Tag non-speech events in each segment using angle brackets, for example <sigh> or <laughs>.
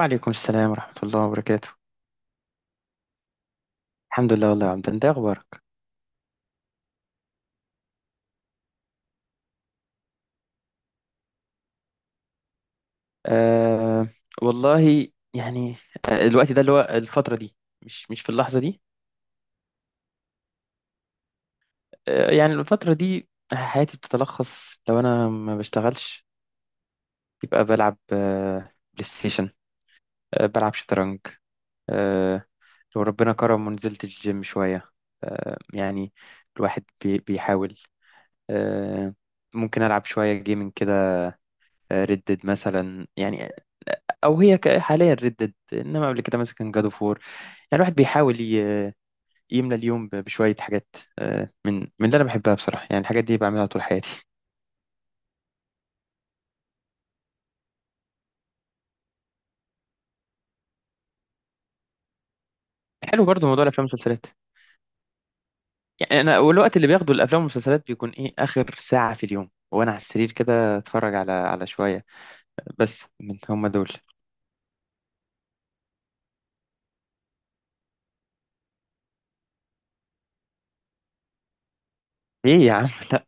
وعليكم السلام ورحمة الله وبركاته. الحمد لله. والله يا عبد، انت إيه اخبارك؟ آه والله. يعني الوقت ده اللي هو الفترة دي. مش في اللحظة دي. يعني الفترة دي حياتي بتتلخص، لو انا ما بشتغلش يبقى بلعب بلاي ستيشن، بلعب شطرنج. آه لو ربنا كرم ونزلت الجيم شوية. يعني الواحد بيحاول. آه ممكن ألعب شوية جيمنج كده، ريد ديد مثلا يعني، او هي حاليا ردد. انما قبل كده مثلا كان جاد اوف وور. يعني الواحد بيحاول يملى اليوم بشويه حاجات، من اللي انا بحبها بصراحه. يعني الحاجات دي بعملها طول حياتي. حلو برضو موضوع الافلام والمسلسلات. يعني انا، والوقت اللي باخده الافلام والمسلسلات بيكون ايه اخر ساعه في اليوم، وانا على السرير كده اتفرج على شويه. بس من هم دول. ايه يا عم، <laughs> لا،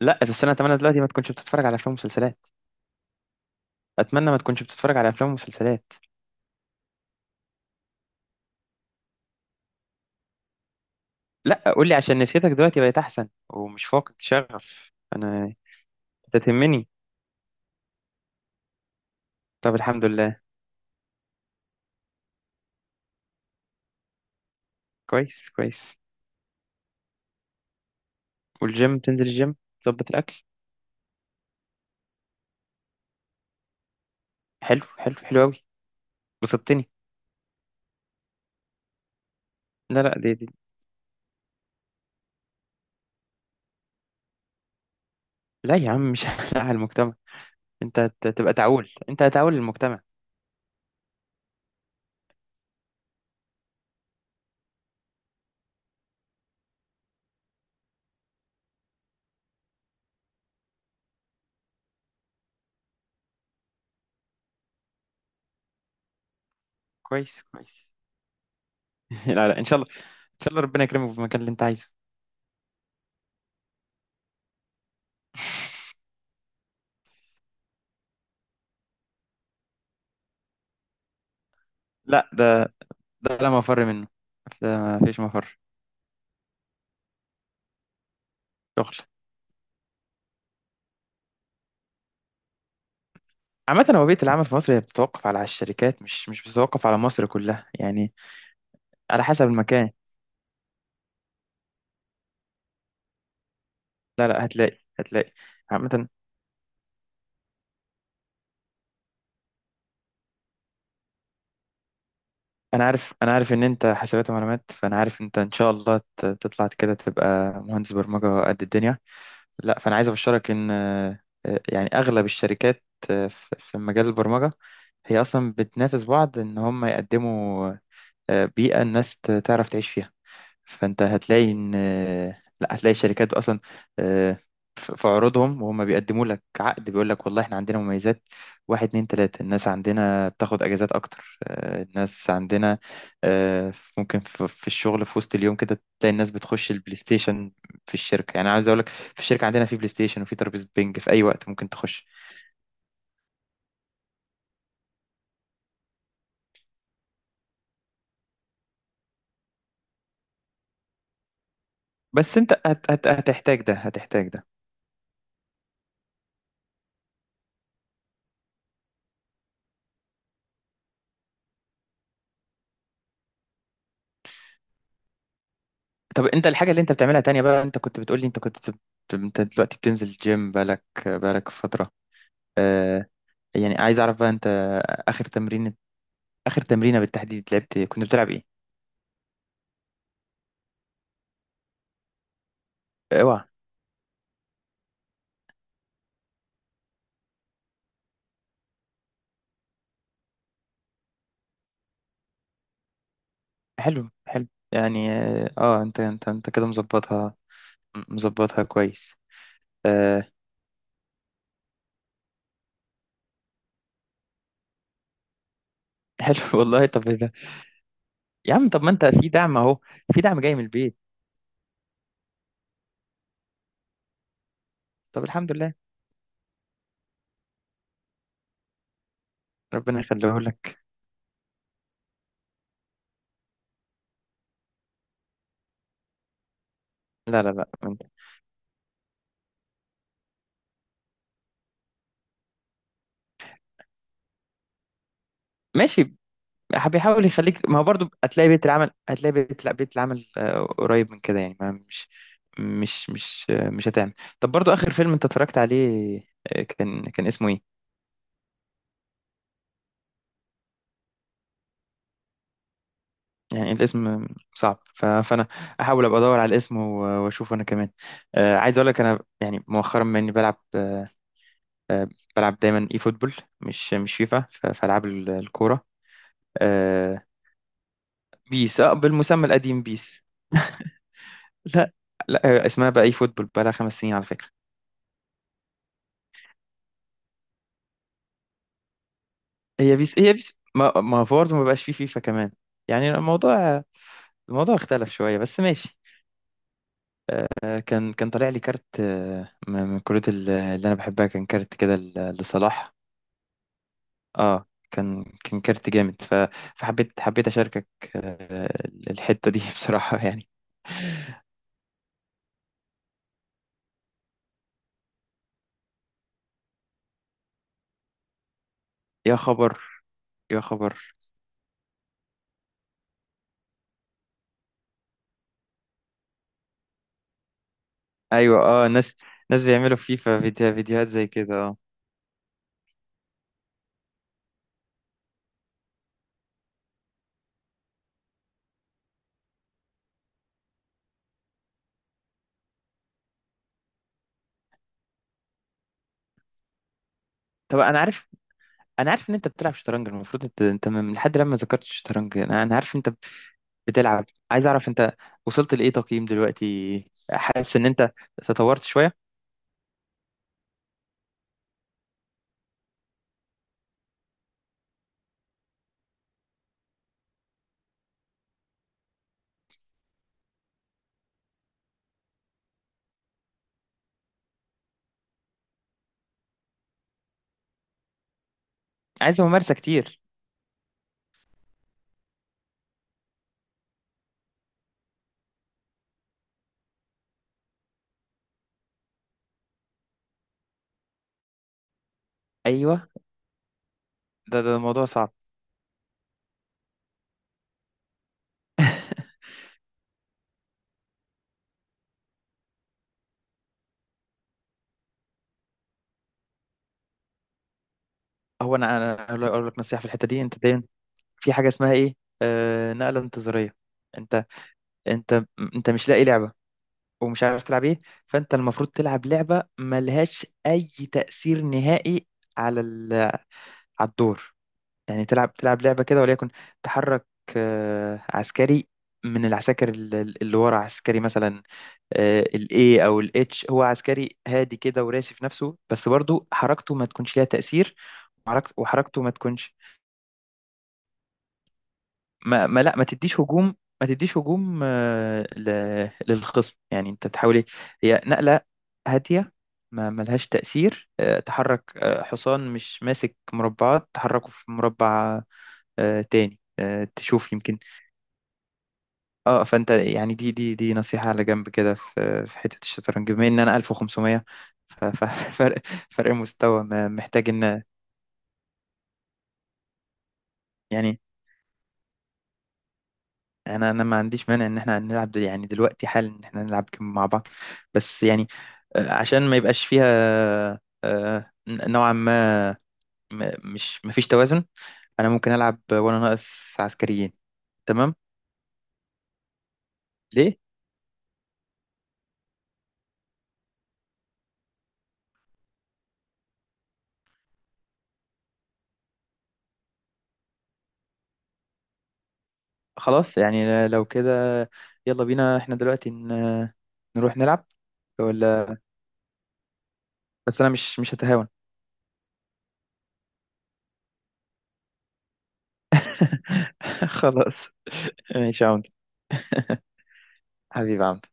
لا، بس انا اتمنى دلوقتي ما تكونش بتتفرج على افلام ومسلسلات. اتمنى ما تكونش بتتفرج على افلام ومسلسلات. لا قول لي عشان نفسيتك دلوقتي بقت احسن ومش فاقد شغف. انا انت تهمني. طب الحمد لله. كويس كويس. والجيم، تنزل الجيم، تظبط الاكل. حلو حلو حلو قوي. بسطتني. لا، دي. لا يا عم، مش <laughs> لا على المجتمع. انت تبقى تعول، انت هتعول للمجتمع. كويس كويس. <laughs> لا لا ان شاء الله. ان شاء الله ربنا يكرمك في المكان اللي انت عايزه. لا ده، لا مفر منه. ده ما فيش مفر. شغل. عامة هو بيئة العمل في مصر هي بتتوقف على الشركات، مش بتتوقف على مصر كلها يعني. على حسب المكان. لا لا هتلاقي. عامة، انا عارف ان انت حسابات ومعلومات، فانا عارف انت ان شاء الله تطلع كده تبقى مهندس برمجة قد الدنيا. لا فانا عايز ابشرك ان يعني اغلب الشركات في مجال البرمجة، هي اصلا بتنافس بعض ان هم يقدموا بيئة الناس تعرف تعيش فيها. فانت هتلاقي ان، لا هتلاقي الشركات اصلا آه، في عروضهم، وهم بيقدموا لك عقد بيقول لك والله احنا عندنا مميزات، واحد اتنين تلاتة. الناس عندنا بتاخد اجازات اكتر، الناس عندنا آه، ممكن في الشغل في وسط اليوم كده تلاقي الناس بتخش البلاي ستيشن في الشركة. يعني عايز اقول لك، في الشركة عندنا في بلاي ستيشن، وفي ترابيزة بينج في اي وقت ممكن تخش. بس انت هت هت هتحتاج ده، هتحتاج ده. طب انت الحاجة اللي انت بتعملها تانية بقى، انت كنت بتقولي، انت كنت انت دلوقتي بتنزل جيم بقالك فترة. آه يعني عايز اعرف بقى انت اخر تمرين، اخر تمرينة بالتحديد لعبت، كنت بتلعب ايه؟ اوعى. حلو حلو، يعني انت كده مظبطها، مظبطها كويس. آه حلو. <laughs> والله طب ايه ده؟ يا عم طب ما انت في دعم اهو، في دعم جاي من البيت. طب الحمد لله. ربنا يخليه لك. لا انت ماشي، بيحاول يخليك. ما هو برضه هتلاقي بيت العمل، هتلاقي بيت، لا بيت العمل قريب من كده يعني. ما مش مش مش مش هتعمل. طب برضه آخر فيلم انت اتفرجت عليه كان اسمه ايه؟ يعني الاسم صعب، فانا احاول ابقى ادور على الاسم واشوفه انا كمان. عايز اقول لك انا، يعني مؤخرا بما اني بلعب آه، بلعب دايما اي فوتبول، مش فيفا، في العاب الكوره. آه، بيس، اه، بالمسمى القديم بيس. لا لا اسمها بقى اي فوتبول، بقى لها خمس سنين على فكره. هي بيس، هي بيس، ما هو برضه ما بقاش فيه فيفا كمان. يعني الموضوع، الموضوع اختلف شوية بس ماشي. كان طالع لي كارت من الكروت اللي انا بحبها، كان كارت كده لصلاح. اه كان كارت جامد، حبيت اشاركك آه، الحتة دي <laughs> بصراحة يعني. يا خبر! يا خبر! ايوه. اه، ناس بيعملوا فيفا فيديوهات زي كده اه. طب انا عارف، ان انت بتلعب شطرنج. المفروض انت انت من لحد لما ذكرت الشطرنج، انا عارف انت بتلعب. عايز اعرف انت وصلت لايه تقييم دلوقتي؟ حاسس ان انت تطورت شويه؟ عايز ممارسه كتير. ايوه. ده موضوع صعب. هو انا أقول لك نصيحه في الحته دي. انت دايما في حاجه اسمها ايه، نقله انتظاريه. انت انت انت مش لاقي لعبه، ومش عارف تلعب ايه، فانت المفروض تلعب لعبه ملهاش اي تاثير نهائي على على الدور. يعني تلعب، لعبه كده وليكن تحرك عسكري من العساكر اللي ورا عسكري مثلا. الاي او الاتش، هو عسكري هادي كده وراسي في نفسه، بس برضو حركته ما تكونش ليها تأثير. وحركته ما تكونش ما تديش هجوم. ما تديش هجوم للخصم. يعني انت تحاول إيه؟ هي نقلة هادية ما ملهاش تأثير، تحرك حصان مش ماسك مربعات، تحركه في مربع تاني، تشوف يمكن. اه فانت يعني دي نصيحة على جنب كده في حتة الشطرنج. بما ان انا 1500، ففرق <laughs> فرق مستوى، محتاج ان يعني. انا ما عنديش مانع ان احنا نلعب يعني دلوقتي حالا ان احنا نلعب جيم مع بعض. بس يعني عشان ما يبقاش فيها نوعا ما، مش، ما فيش توازن. انا ممكن العب وانا ناقص عسكريين. تمام. ليه؟ خلاص يعني لو كده يلا بينا، احنا دلوقتي نروح نلعب ولا... بس انا مش هتهاون. <laughs> خلاص ماشي يا عمد. <laughs> حبيبي يا عمد.